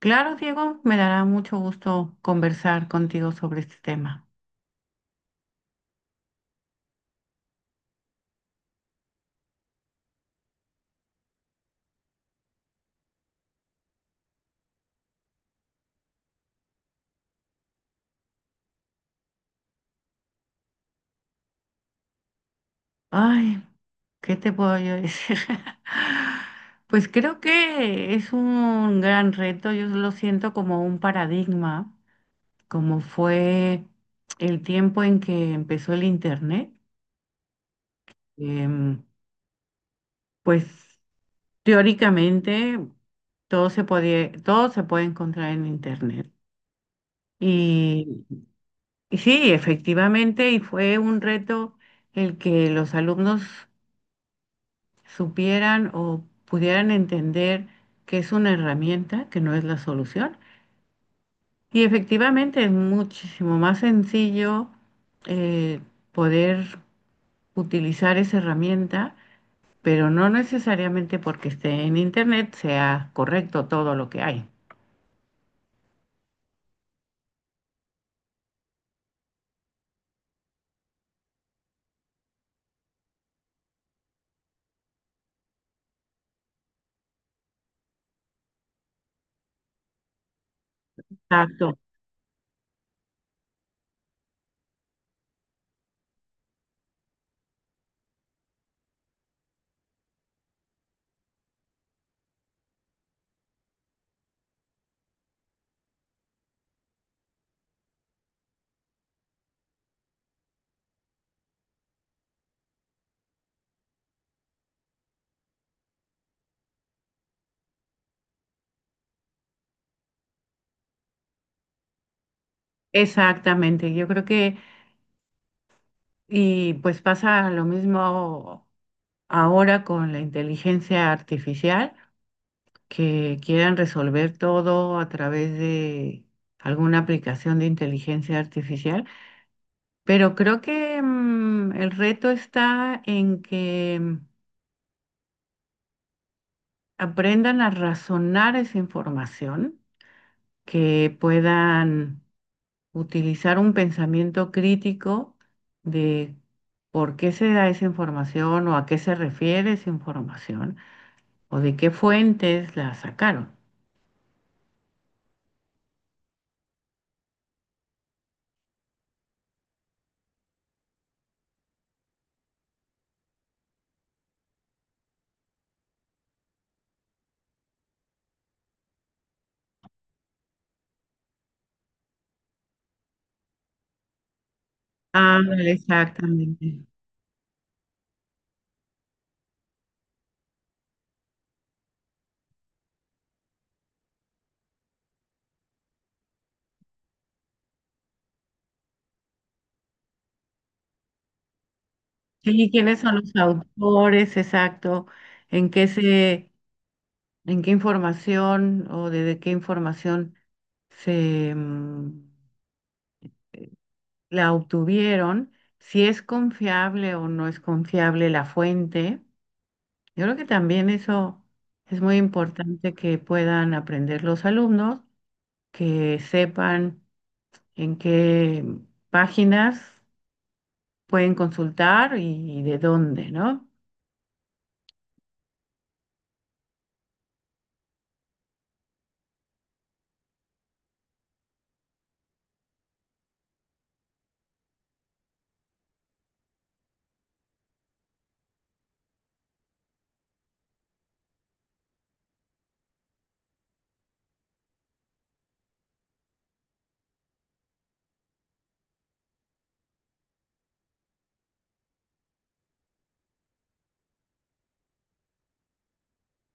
Claro, Diego, me dará mucho gusto conversar contigo sobre este tema. Ay, ¿qué te puedo yo decir? Pues creo que es un gran reto, yo lo siento como un paradigma, como fue el tiempo en que empezó el Internet. Em, pues teóricamente todo se puede encontrar en Internet. Mm. Y sí, efectivamente, y fue un reto el que los alumnos supieran o pudieran entender que es una herramienta, que no es la solución. Y efectivamente es muchísimo más sencillo eh, poder utilizar esa herramienta, pero no necesariamente porque esté en internet sea correcto todo lo que hay. Exacto, exactamente. Y pues pasa lo mismo. Ahora con la inteligencia artificial, que quieran resolver todo a través de alguna aplicación de inteligencia artificial. Pero creo que el reto está en que aprendan a razonar esa información, que puedan utilizar un pensamiento crítico de por qué se da esa información o a qué se refiere esa información o de qué fuentes la sacaron. Ah, exactamente. Sí, ¿quiénes son los autores? Exacto. ¿En qué se, ¿en qué información o desde qué información se la obtuvieron? Si es confiable o no es confiable la fuente. Yo creo que también eso es muy importante que puedan aprender los alumnos, que sepan en qué páginas pueden consultar y de dónde, ¿no?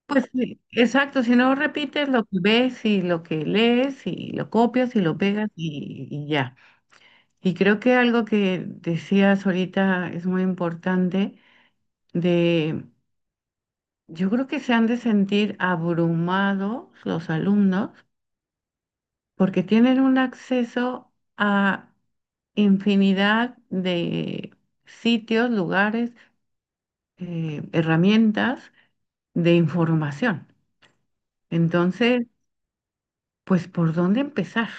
Pues sí, exacto, si no repites lo que ves y lo que lees y lo copias y lo pegas y ya. Y creo que algo que decías ahorita es muy importante de, yo creo que se han de sentir abrumados los alumnos porque tienen un acceso a infinidad de sitios, lugares, herramientas de información. Entonces, pues, ¿por dónde empezar?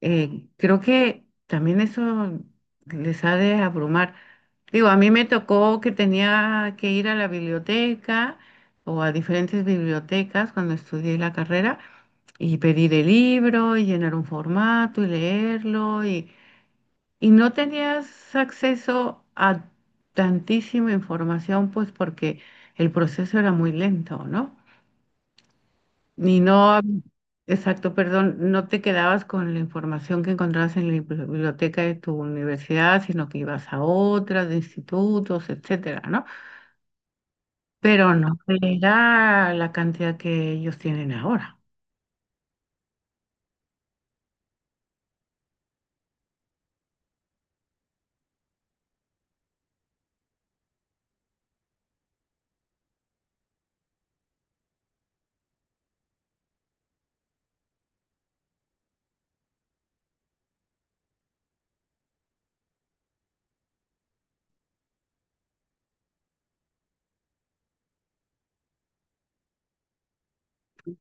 Creo que también eso les ha de abrumar. Digo, a mí me tocó que tenía que ir a la biblioteca o a diferentes bibliotecas cuando estudié la carrera y pedir el libro y llenar un formato y leerlo y no tenías acceso a tantísima información pues porque el proceso era muy lento, ¿no? Ni no, exacto, perdón, no te quedabas con la información que encontrabas en la biblioteca de tu universidad, sino que ibas a otras, de institutos, etcétera, ¿no? Pero no era la cantidad que ellos tienen ahora.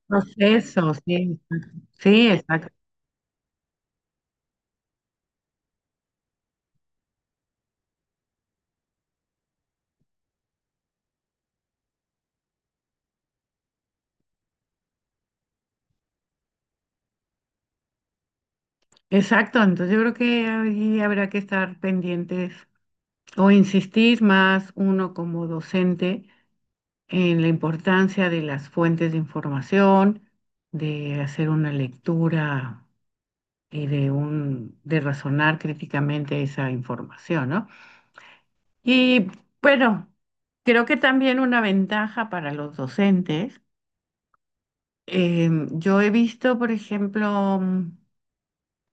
Proceso, sí, exacto. Sí, exacto. Exacto, entonces yo creo que ahí habrá que estar pendientes o insistir más uno como docente en la importancia de las fuentes de información, de hacer una lectura de razonar críticamente esa información, ¿no? Y bueno, creo que también una ventaja para los docentes. Yo he visto, por ejemplo,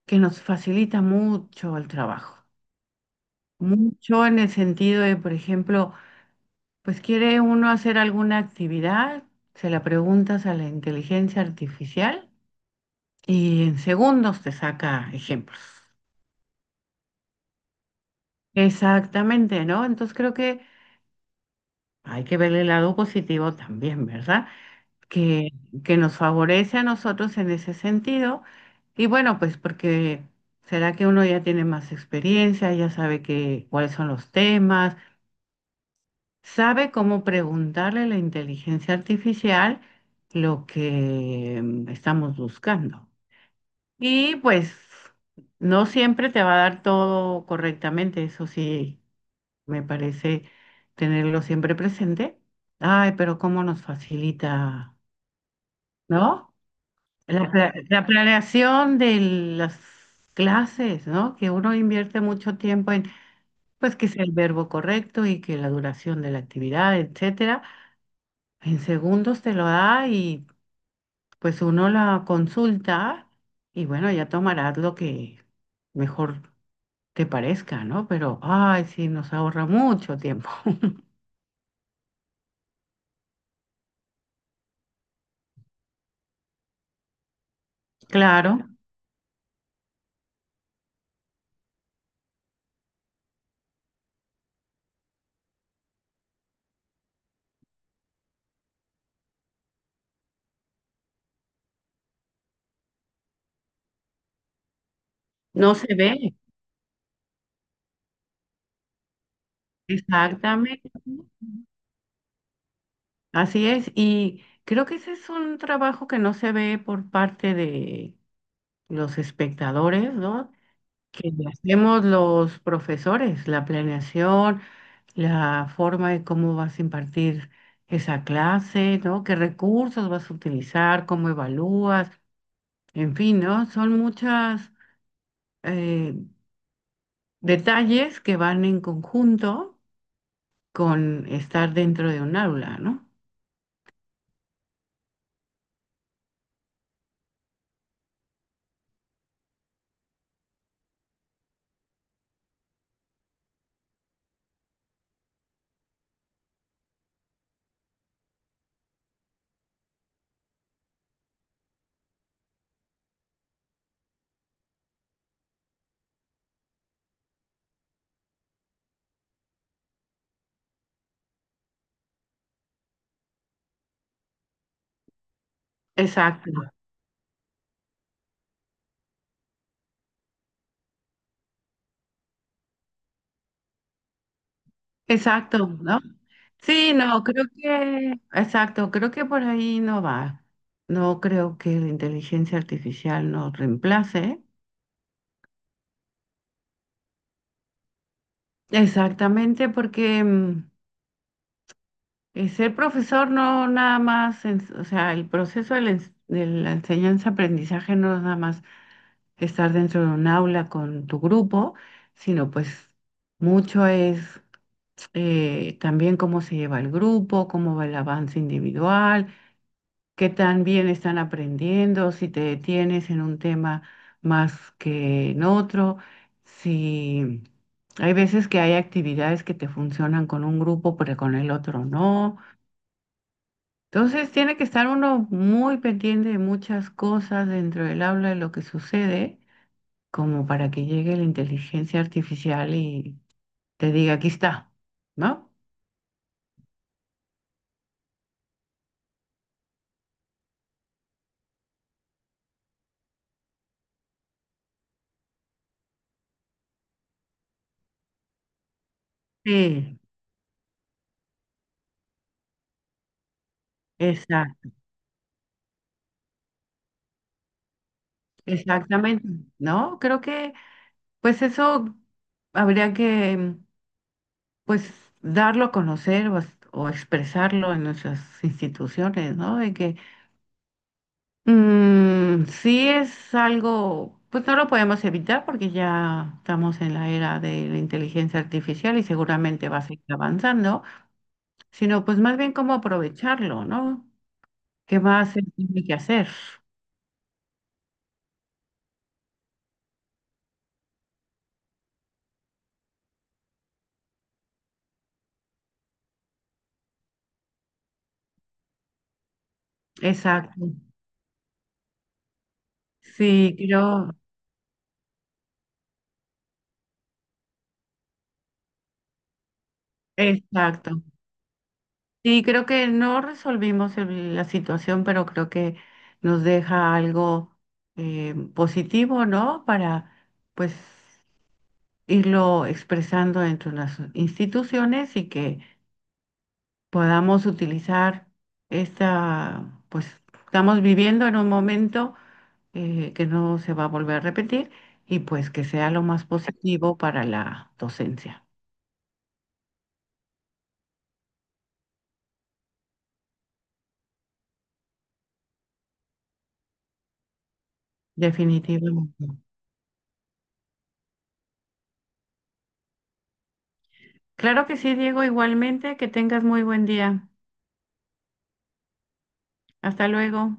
que nos facilita mucho el trabajo, mucho en el sentido de, por ejemplo, pues quiere uno hacer alguna actividad, se la preguntas a la inteligencia artificial y en segundos te saca ejemplos. Exactamente, ¿no? Entonces creo que hay que ver el lado positivo también, ¿verdad? Que, que nos favorece a nosotros en ese sentido. Y bueno, pues porque será que uno ya tiene más experiencia, ya sabe que, cuáles son los temas, sabe cómo preguntarle a la inteligencia artificial lo que estamos buscando. Y pues no siempre te va a dar todo correctamente, eso sí, me parece tenerlo siempre presente. Ay, pero cómo nos facilita, ¿no? La, la planeación de las clases, ¿no? Que uno invierte mucho tiempo en, pues, que sea el verbo correcto y que la duración de la actividad, etcétera. En segundos te lo da y pues uno la consulta y bueno, ya tomarás lo que mejor te parezca, ¿no? Pero, ay, sí, nos ahorra mucho tiempo. Claro, no se ve. Exactamente. Así es. Y creo que ese es un trabajo que no se ve por parte de los espectadores, ¿no? Que hacemos los profesores, la planeación, la forma de cómo vas a impartir esa clase, ¿no? ¿Qué recursos vas a utilizar, cómo evalúas? En fin, ¿no? Son muchas eh, detalles que van en conjunto con estar dentro de un aula, ¿no? Exacto, exacto, ¿no? Sí, no, creo que, exacto, creo que por ahí no va. No creo que la inteligencia artificial nos reemplace. Exactamente, porque ser profesor no nada más, o sea, el proceso de la, de la enseñanza-aprendizaje no es nada más estar dentro de un aula con tu grupo, sino pues mucho es también cómo se lleva el grupo, cómo va el avance individual, qué tan bien están aprendiendo, si te detienes en un tema más que en otro, si hay veces que hay actividades que te funcionan con un grupo, pero con el otro no. Entonces tiene que estar uno muy pendiente de muchas cosas dentro del aula de lo que sucede, como para que llegue la inteligencia artificial y te diga, aquí está, ¿no? Sí, exacto. Exactamente, ¿no? Creo que pues eso habría que pues darlo a conocer o, o expresarlo en nuestras instituciones, ¿no? De que sí es algo, pues no lo podemos evitar porque ya estamos en la era de la inteligencia artificial y seguramente va a seguir avanzando, sino pues más bien cómo aprovecharlo, ¿no? ¿Qué más se tiene que hacer? Exacto. Sí, creo, exacto. Sí, creo que no resolvimos la situación, pero creo que nos deja algo positivo, ¿no? Para pues irlo expresando entre las instituciones y que podamos utilizar esta, pues estamos viviendo en un momento que no se va a volver a repetir y pues que sea lo más positivo para la docencia, definitivamente. Claro que sí, Diego, igualmente, que tengas muy buen día. Hasta luego.